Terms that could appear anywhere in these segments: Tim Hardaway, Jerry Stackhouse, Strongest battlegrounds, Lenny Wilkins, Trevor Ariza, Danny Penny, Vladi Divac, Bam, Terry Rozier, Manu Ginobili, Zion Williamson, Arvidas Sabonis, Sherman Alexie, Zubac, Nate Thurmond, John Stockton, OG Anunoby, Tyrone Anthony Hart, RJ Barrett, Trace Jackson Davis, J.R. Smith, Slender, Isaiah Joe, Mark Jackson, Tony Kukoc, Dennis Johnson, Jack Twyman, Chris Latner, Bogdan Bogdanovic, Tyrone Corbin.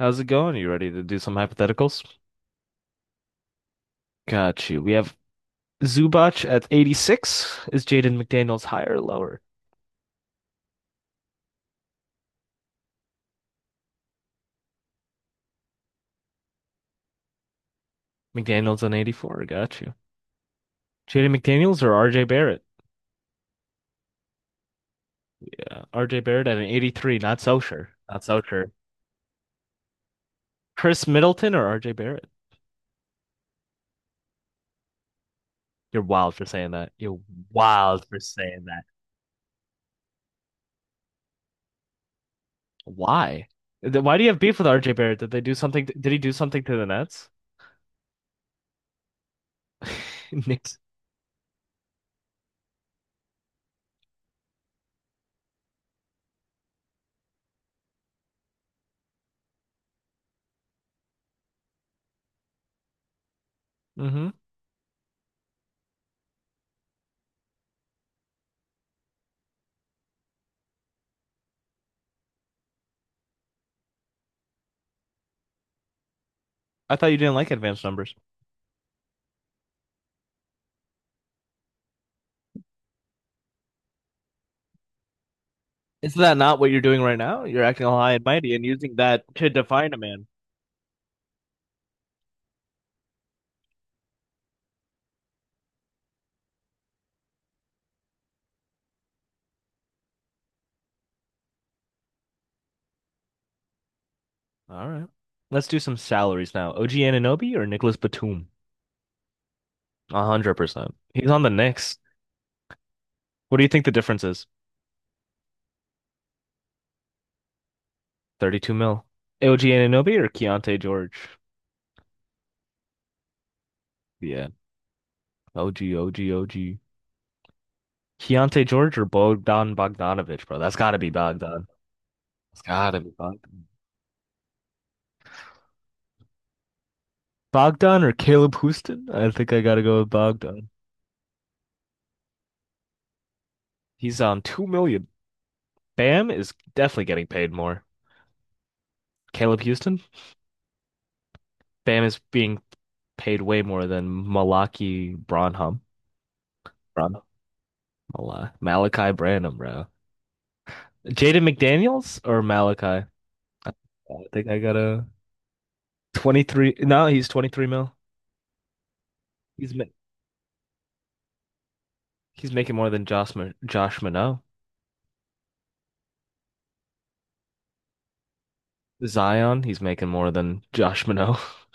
How's it going? You ready to do some hypotheticals? Got you. We have Zubac at 86. Is Jaden McDaniels higher or lower? McDaniels on 84. Got you. Jaden McDaniels or RJ Barrett? Yeah, RJ Barrett at an 83. Not so sure. Not so sure. Chris Middleton or RJ Barrett? You're wild for saying that. You're wild for saying that. Why? Why do you have beef with RJ Barrett? Did they do something? Did he do something to the Nets? Knicks. hmm I thought you didn't like advanced numbers. Is that not what you're doing right now? You're acting all high and mighty and using that to define a man. All right. Let's do some salaries now. OG Anunoby or Nicholas Batum? 100%. He's on the Knicks. What do you think the difference is? 32 mil. OG Anunoby or Keontae George? Yeah. OG, OG, OG. Keontae George or Bogdan Bogdanovic, bro? That's gotta be Bogdan. It's gotta be Bogdan. Bogdan or Caleb Houston? I think I gotta go with Bogdan. He's on 2 million. Bam is definitely getting paid more. Caleb Houston. Bam is being paid way more than Malachi Branham. Branham? Malachi Branham, bro. Jaden McDaniels or Malachi? I think I got a 23. No, he's 23 mil. He's ma he's making more than Josh Minot. Zion, he's making more than Josh Minot.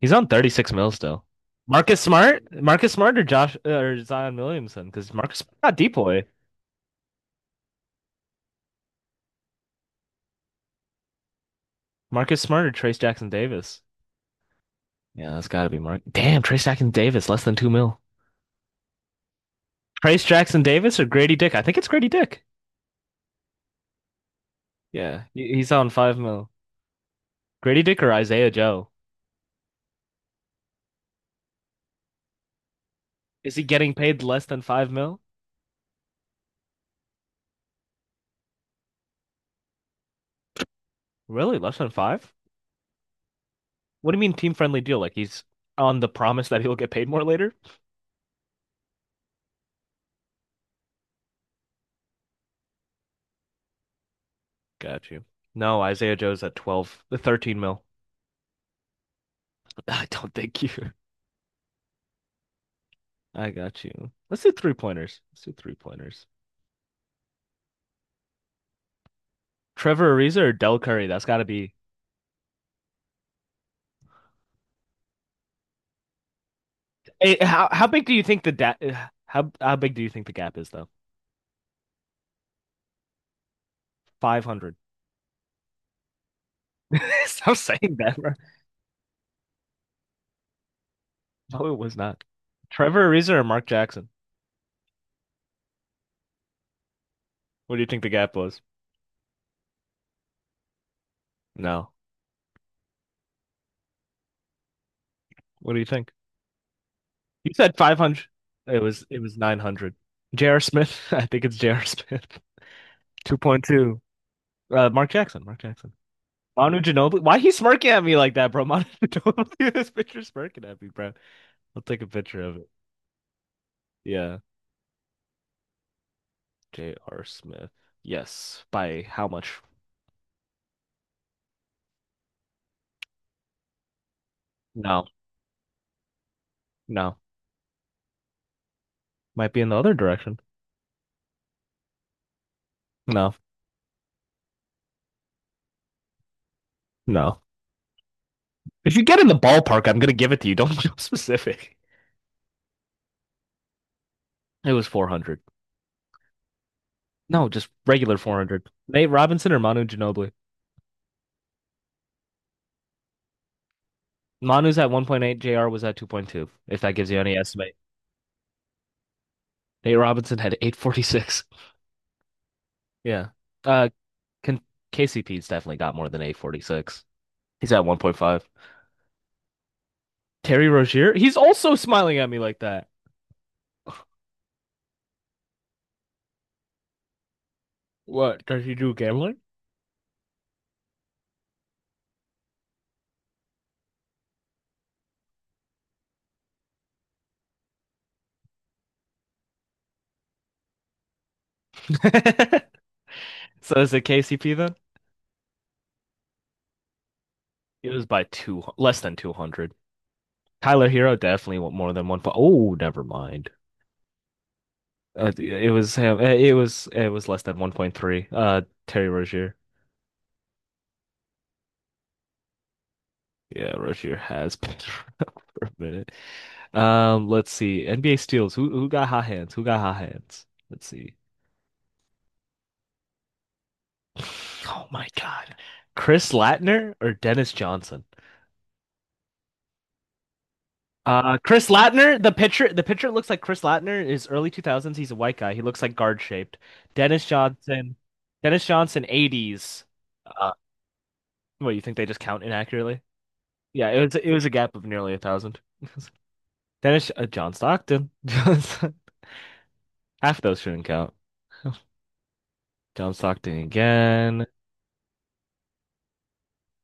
He's on 36 mil still. Marcus Smart or Josh or Zion Williamson because Marcus not Depoy. Marcus Smart or Trace Jackson Davis. Yeah, that's got to be Mark. Damn, Trace Jackson Davis, less than 2 mil. Trace Jackson Davis or Grady Dick? I think it's Grady Dick. Yeah, he's on 5 mil. Grady Dick or Isaiah Joe? Is he getting paid less than 5 mil? Really, less than five? What do you mean team friendly deal? Like he's on the promise that he'll get paid more later? Got you. No, Isaiah Joe's at 12, the 13 mil. I don't think you. I got you. Let's do three pointers. Let's do three pointers. Trevor Ariza or Del Curry? That's got to be. How big do you think the da how big do you think the gap is though? 500. Stop saying that, bro. No, it was not. Trevor Ariza or Mark Jackson? What do you think the gap was? No. What do you think? You said 500. It was 900. J.R. Smith. I think it's J.R. Smith. 2.2. Mark Jackson. Mark Jackson. Manu Ginobili. Why he smirking at me like that, bro? Manu Ginobili. This picture smirking at me, bro. I'll take a picture of it. Yeah. J.R. Smith. Yes. By how much? No. No. Might be in the other direction. No. No. If you get in the ballpark, I'm gonna give it to you. Don't be specific. It was 400. No, just regular 400. Nate Robinson or Manu Ginobili? Manu's at 1.8, JR was at 2.2, if that gives you any estimate. Nate Robinson had 846. Yeah. Uh, can, KCP's definitely got more than 846. He's at 1.5. Terry Rozier, he's also smiling at me like that. What, does he do gambling? So is it KCP then? It was by two, less than 200. Tyler Hero definitely want more than 1 point. Oh, never mind. It was him. It was less than 1.3. Terry Rozier. Yeah, Rozier has been around for a minute. Let's see. NBA steals. Who got hot hands? Who got hot hands? Let's see. Oh my God. Chris Latner or Dennis Johnson? Chris Latner, the pitcher looks like Chris Latner is early 2000s. He's a white guy. He looks like guard shaped. Dennis Johnson, Dennis Johnson, 80s. What, you think they just count inaccurately? Yeah, it was a gap of nearly a thousand. Dennis John Stockton. Half those shouldn't count. John Stockton again.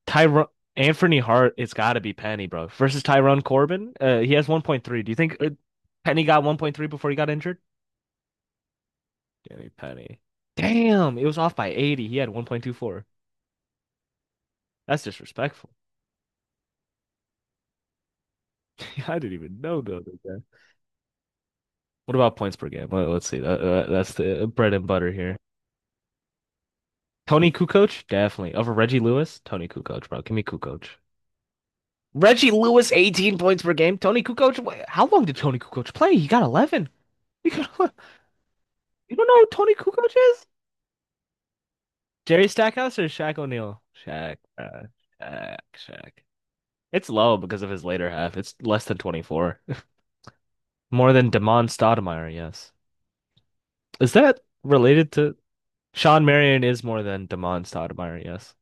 Tyrone Anthony Hart, it's got to be Penny, bro. Versus Tyrone Corbin. He has 1.3. Do you think Penny got 1.3 before he got injured? Danny Penny. Damn, it was off by 80. He had 1.24. That's disrespectful. I didn't even know the other. What about points per game? Let us see. That's the bread and butter here. Tony Kukoc, definitely. Over Reggie Lewis, Tony Kukoc, bro. Give me Kukoc. Reggie Lewis, 18 points per game. Tony Kukoc, how long did Tony Kukoc play? He got 11. You, you don't know who Tony Kukoc is? Jerry Stackhouse or Shaq O'Neal? Shaq, Shaq. It's low because of his later half. It's less than 24. More than Damon Stoudemire, yes. Is that related to Sean Marion is more than Damon Stoudemire, yes.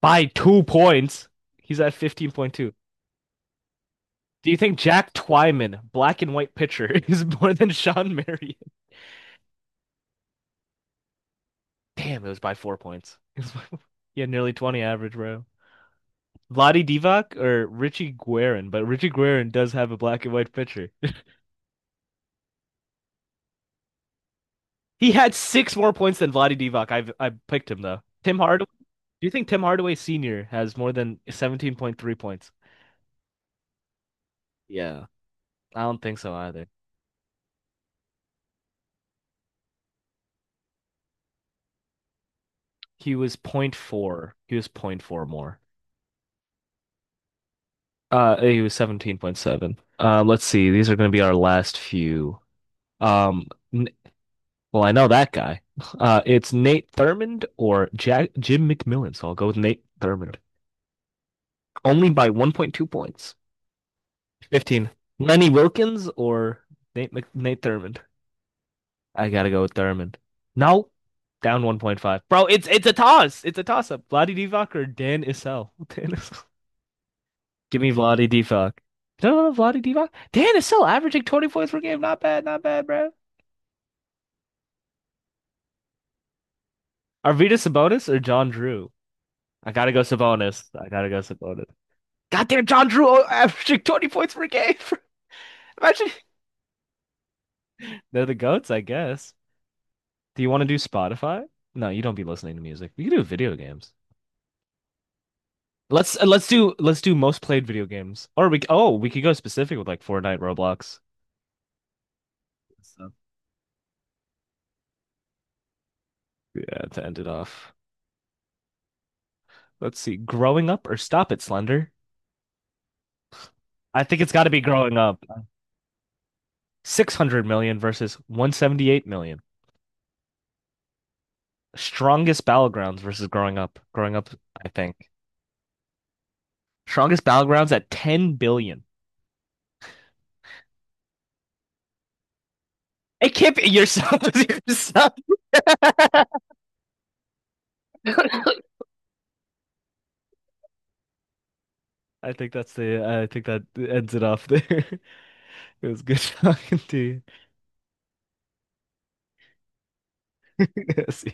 By 2 points. He's at 15.2. Do you think Jack Twyman, black and white pitcher, is more than Sean Marion? Damn, it was by 4 points. It was by. Yeah, nearly 20 average, bro. Vladi Divac or Richie Guerin, but Richie Guerin does have a black and white pitcher. He had 6 more points than Vladi Divac. I picked him though. Tim Hardaway. Do you think Tim Hardaway Sr. has more than 17.3 points? Yeah, I don't think so either. He was zero point 0.4. He was zero point 0.4 more. He was 17.7. Let's see. These are going to be our last few. Um, well, I know that guy. It's Nate Thurmond or Jack Jim McMillan, so I'll go with Nate Thurmond. Only by 1.2 points. 15. Lenny Wilkins or Nate Thurmond? I gotta go with Thurmond. No, down 1.5. Bro, it's a toss. It's a toss up. Vladi Divac or Dan Issel? Dan Issel. Give me Vladi Divac. No, no, no, Vladi Divac. Dan Issel averaging 20 points per game. Not bad, not bad, bro. Arvidas Sabonis or John Drew? I gotta go Sabonis. I gotta go Sabonis. Goddamn, John Drew averaging 20 points per game. Imagine they're the goats, I guess. Do you want to do Spotify? No, you don't be listening to music. We can do video games. Let's do most played video games. Or we oh we could go specific with like Fortnite, Roblox. So, yeah, to end it off. Let's see. Growing up or stop it, Slender? I think it's got to be growing up. 600 million versus 178 million. Strongest battlegrounds versus growing up. Growing up, I think. Strongest battlegrounds at 10 billion. It can't be your sub. I I think that ends it off there. It was good talking to you. See you.